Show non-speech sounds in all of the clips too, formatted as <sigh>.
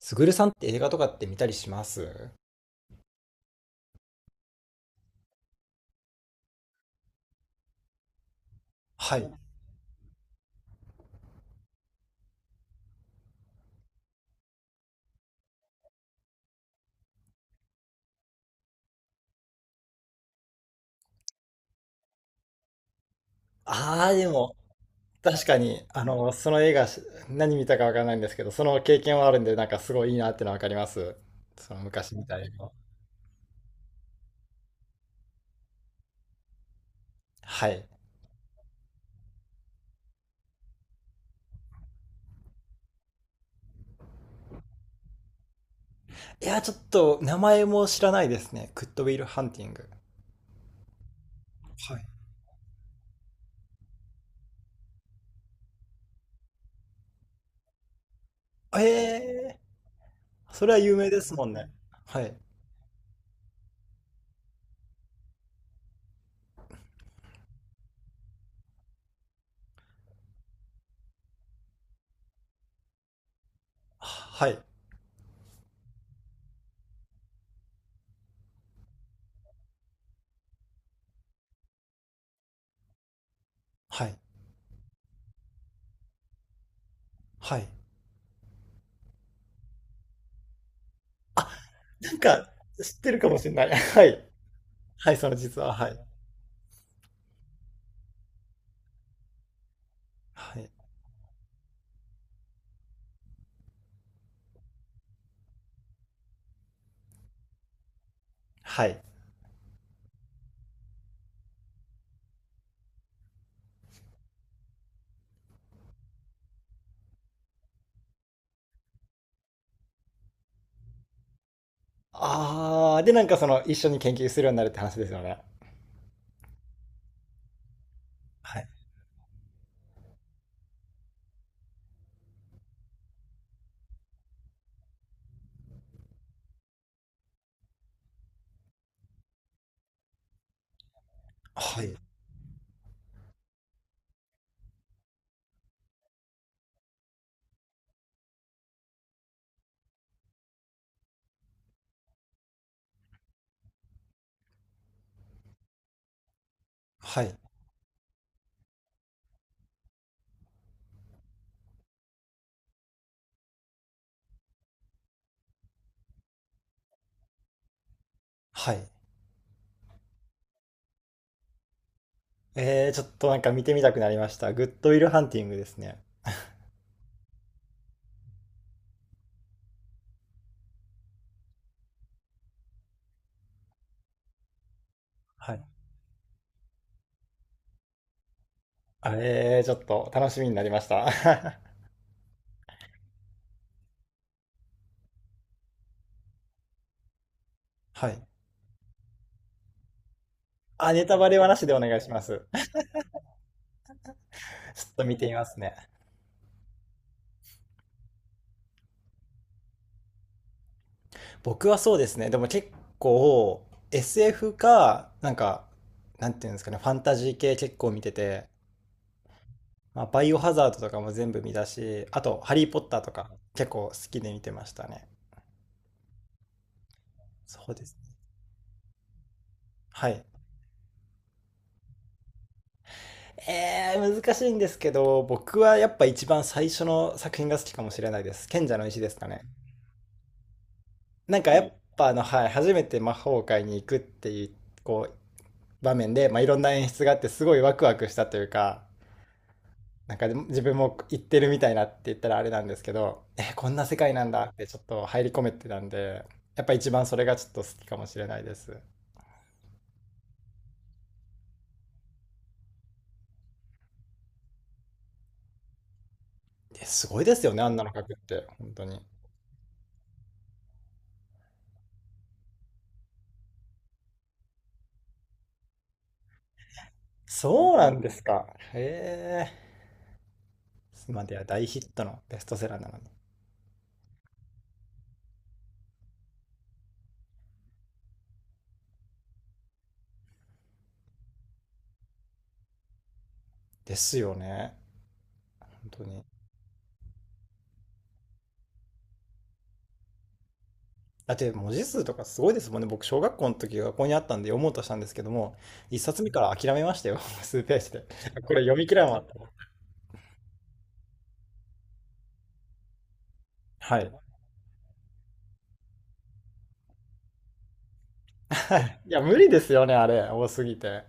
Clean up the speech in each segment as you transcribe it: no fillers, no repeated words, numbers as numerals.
すぐるさんって映画とかって見たりします？はい。ああー、でも、確かに、その映画、何見たかわからないんですけど、その経験はあるんで、なんかすごいいいなってのはわかります。その昔見た映画。はい。いや、ちょっと、名前も知らないですね。グッドウィル・ハンティング。はい。ええー、それは有名ですもんね。はい。はい。はい。はい。なんか、知ってるかもしれない。<laughs> はい。はい、その実は、はい。はい。はい。ああ、で、なんかその、一緒に研究するようになるって話ですよね。はい。はい。はい。はい。えー、ちょっとなんか見てみたくなりました。グッドウィルハンティングですね。はい。はい。えー、ちょっと楽しみになりました。<laughs> はい。あ、ネタバレはなしでお願いします。<laughs> ちょっと見てみますね。僕はそうですね。でも結構 SF か、なんか、なんていうんですかね、ファンタジー系結構見てて、まあ、バイオハザードとかも全部見たし、あと、ハリー・ポッターとか結構好きで見てましたね。そうですね。はい。えー、難しいんですけど、僕はやっぱ一番最初の作品が好きかもしれないです。賢者の石ですかね。なんかやっぱはい、初めて魔法界に行くっていう、こう、場面で、まあ、いろんな演出があって、すごいワクワクしたというか、なんかでも自分も行ってるみたいなって言ったらあれなんですけど、えー、こんな世界なんだってちょっと入り込めてたんで、やっぱ一番それがちょっと好きかもしれないです。えすごいですよね、あんなの書くって、本当に。そうなんですか。へえ。今では大ヒットのベストセラーなのに。ですよね。本当に。だって文字数とかすごいですもんね。僕、小学校の時学校にあったんで読もうとしたんですけども、一冊目から諦めましたよ。<laughs> 数ページで。<laughs> これ読み切らんわと。はい。いや、無理ですよね、あれ。多すぎて。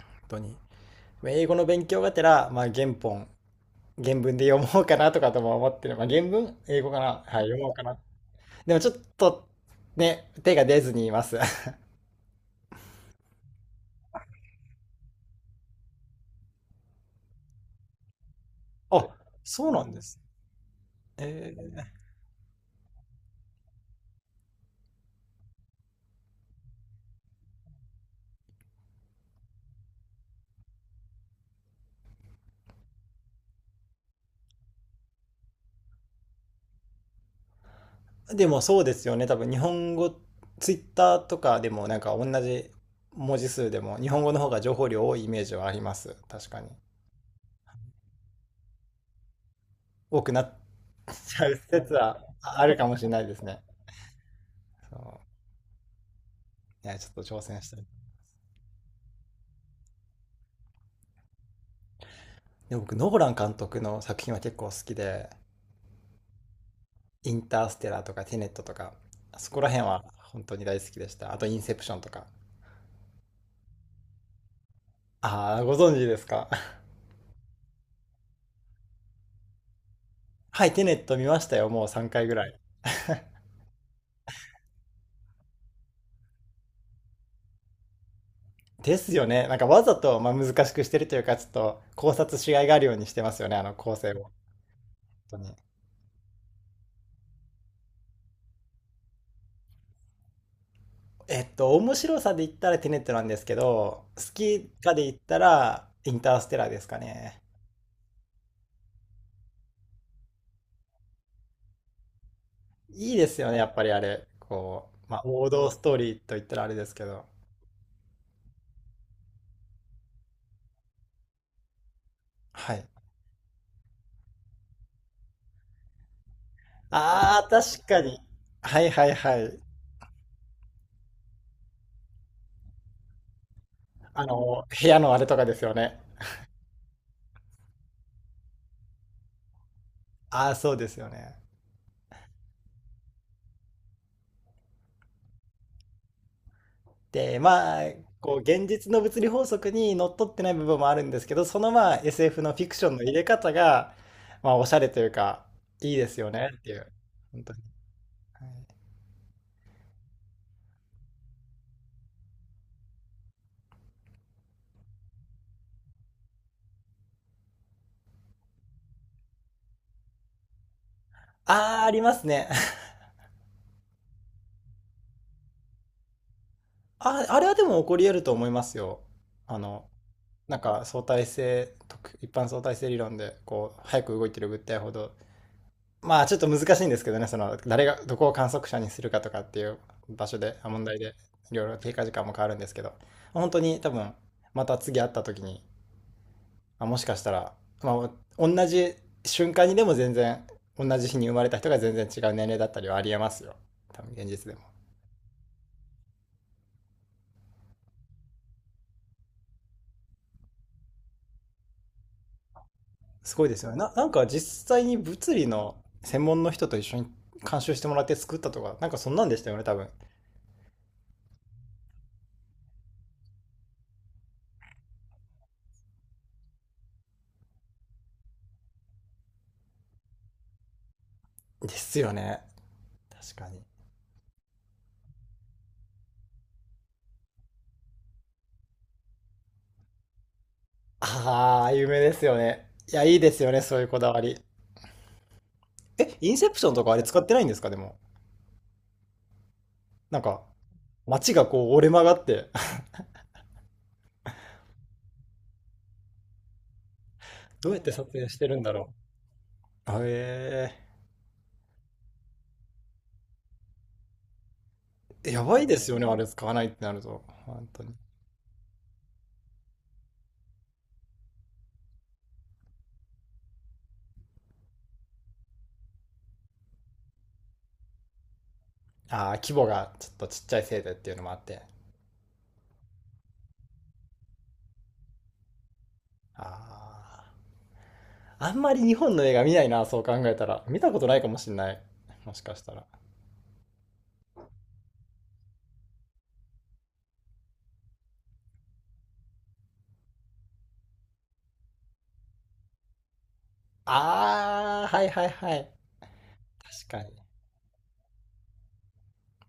本当に。英語の勉強がてら、まあ、原本、原文で読もうかなとかとも思ってる。まあ、原文英語かな、はい、読もうかな。でもちょっと、ね、手が出ずにいます。<laughs> あ、そうなんです。えーでもそうですよね。多分日本語、ツイッターとかでもなんか同じ文字数でも日本語の方が情報量多いイメージはあります。確かに。多くなっちゃう説はああるかもしれないですね。そう。いや、ちょっと挑戦したい。で僕、ノーラン監督の作品は結構好きで、インターステラーとかテネットとか、そこら辺は本当に大好きでした。あと、インセプションとか。ああ、ご存知ですか？<laughs> はい、テネット見ましたよ。もう3回ぐらい。ですよね。なんかわざと、まあ、難しくしてるというか、ちょっと考察しがいがあるようにしてますよね、あの構成を。本当に。えっと、面白さで言ったらテネットなんですけど、好きかで言ったらインターステラーですかね。いいですよね、やっぱりあれ。こう、まあ、王道ストーリーと言ったらあれですけど。はい。ああ、確かに。はいはいはい。あの、部屋のあれとかですよね。ああ、そうですよね。で、まあ、こう、現実の物理法則にのっとってない部分もあるんですけど、そのまあ SF のフィクションの入れ方が、まあ、おしゃれというか、いいですよねっていう。本当に。はい、ああ、ありますね。<laughs> あ、あれはでも起こり得ると思いますよ。あの、なんか相対性、一般相対性理論で、こう、早く動いてる物体ほどまあちょっと難しいんですけどね、その誰がどこを観測者にするかとかっていう場所で、あ問題でいろいろ経過時間も変わるんですけど、本当に多分また次会った時に、まあもしかしたら、まあ、同じ瞬間にでも全然同じ日に生まれた人が全然違う年齢だったりはありえますよ。多分現実でも。すごいですよね。なんか実際に物理の専門の人と一緒に監修してもらって作ったとか、なんかそんなんでしたよね、多分。ですよね。確かに。ああ、有名ですよね。いや、いいですよね、そういうこだわり。え、インセプションとかあれ使ってないんですか、でも。なんか、街がこう折れ曲がって。 <laughs> どうやって撮影してるんだろう。あえー、やばいですよね、あれ使わないってなると。本当に。ああ、規模がちょっとちっちゃいせいでっていうのもあって。ああ、あんまり日本の映画見ないな、そう考えたら。見たことないかもしんない。もしかしたら。ああ、はいはいはい。確かに。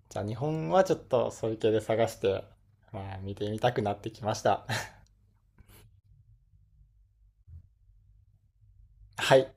じゃあ日本はちょっとそういう系で探して、まあ見てみたくなってきました。<laughs> はい。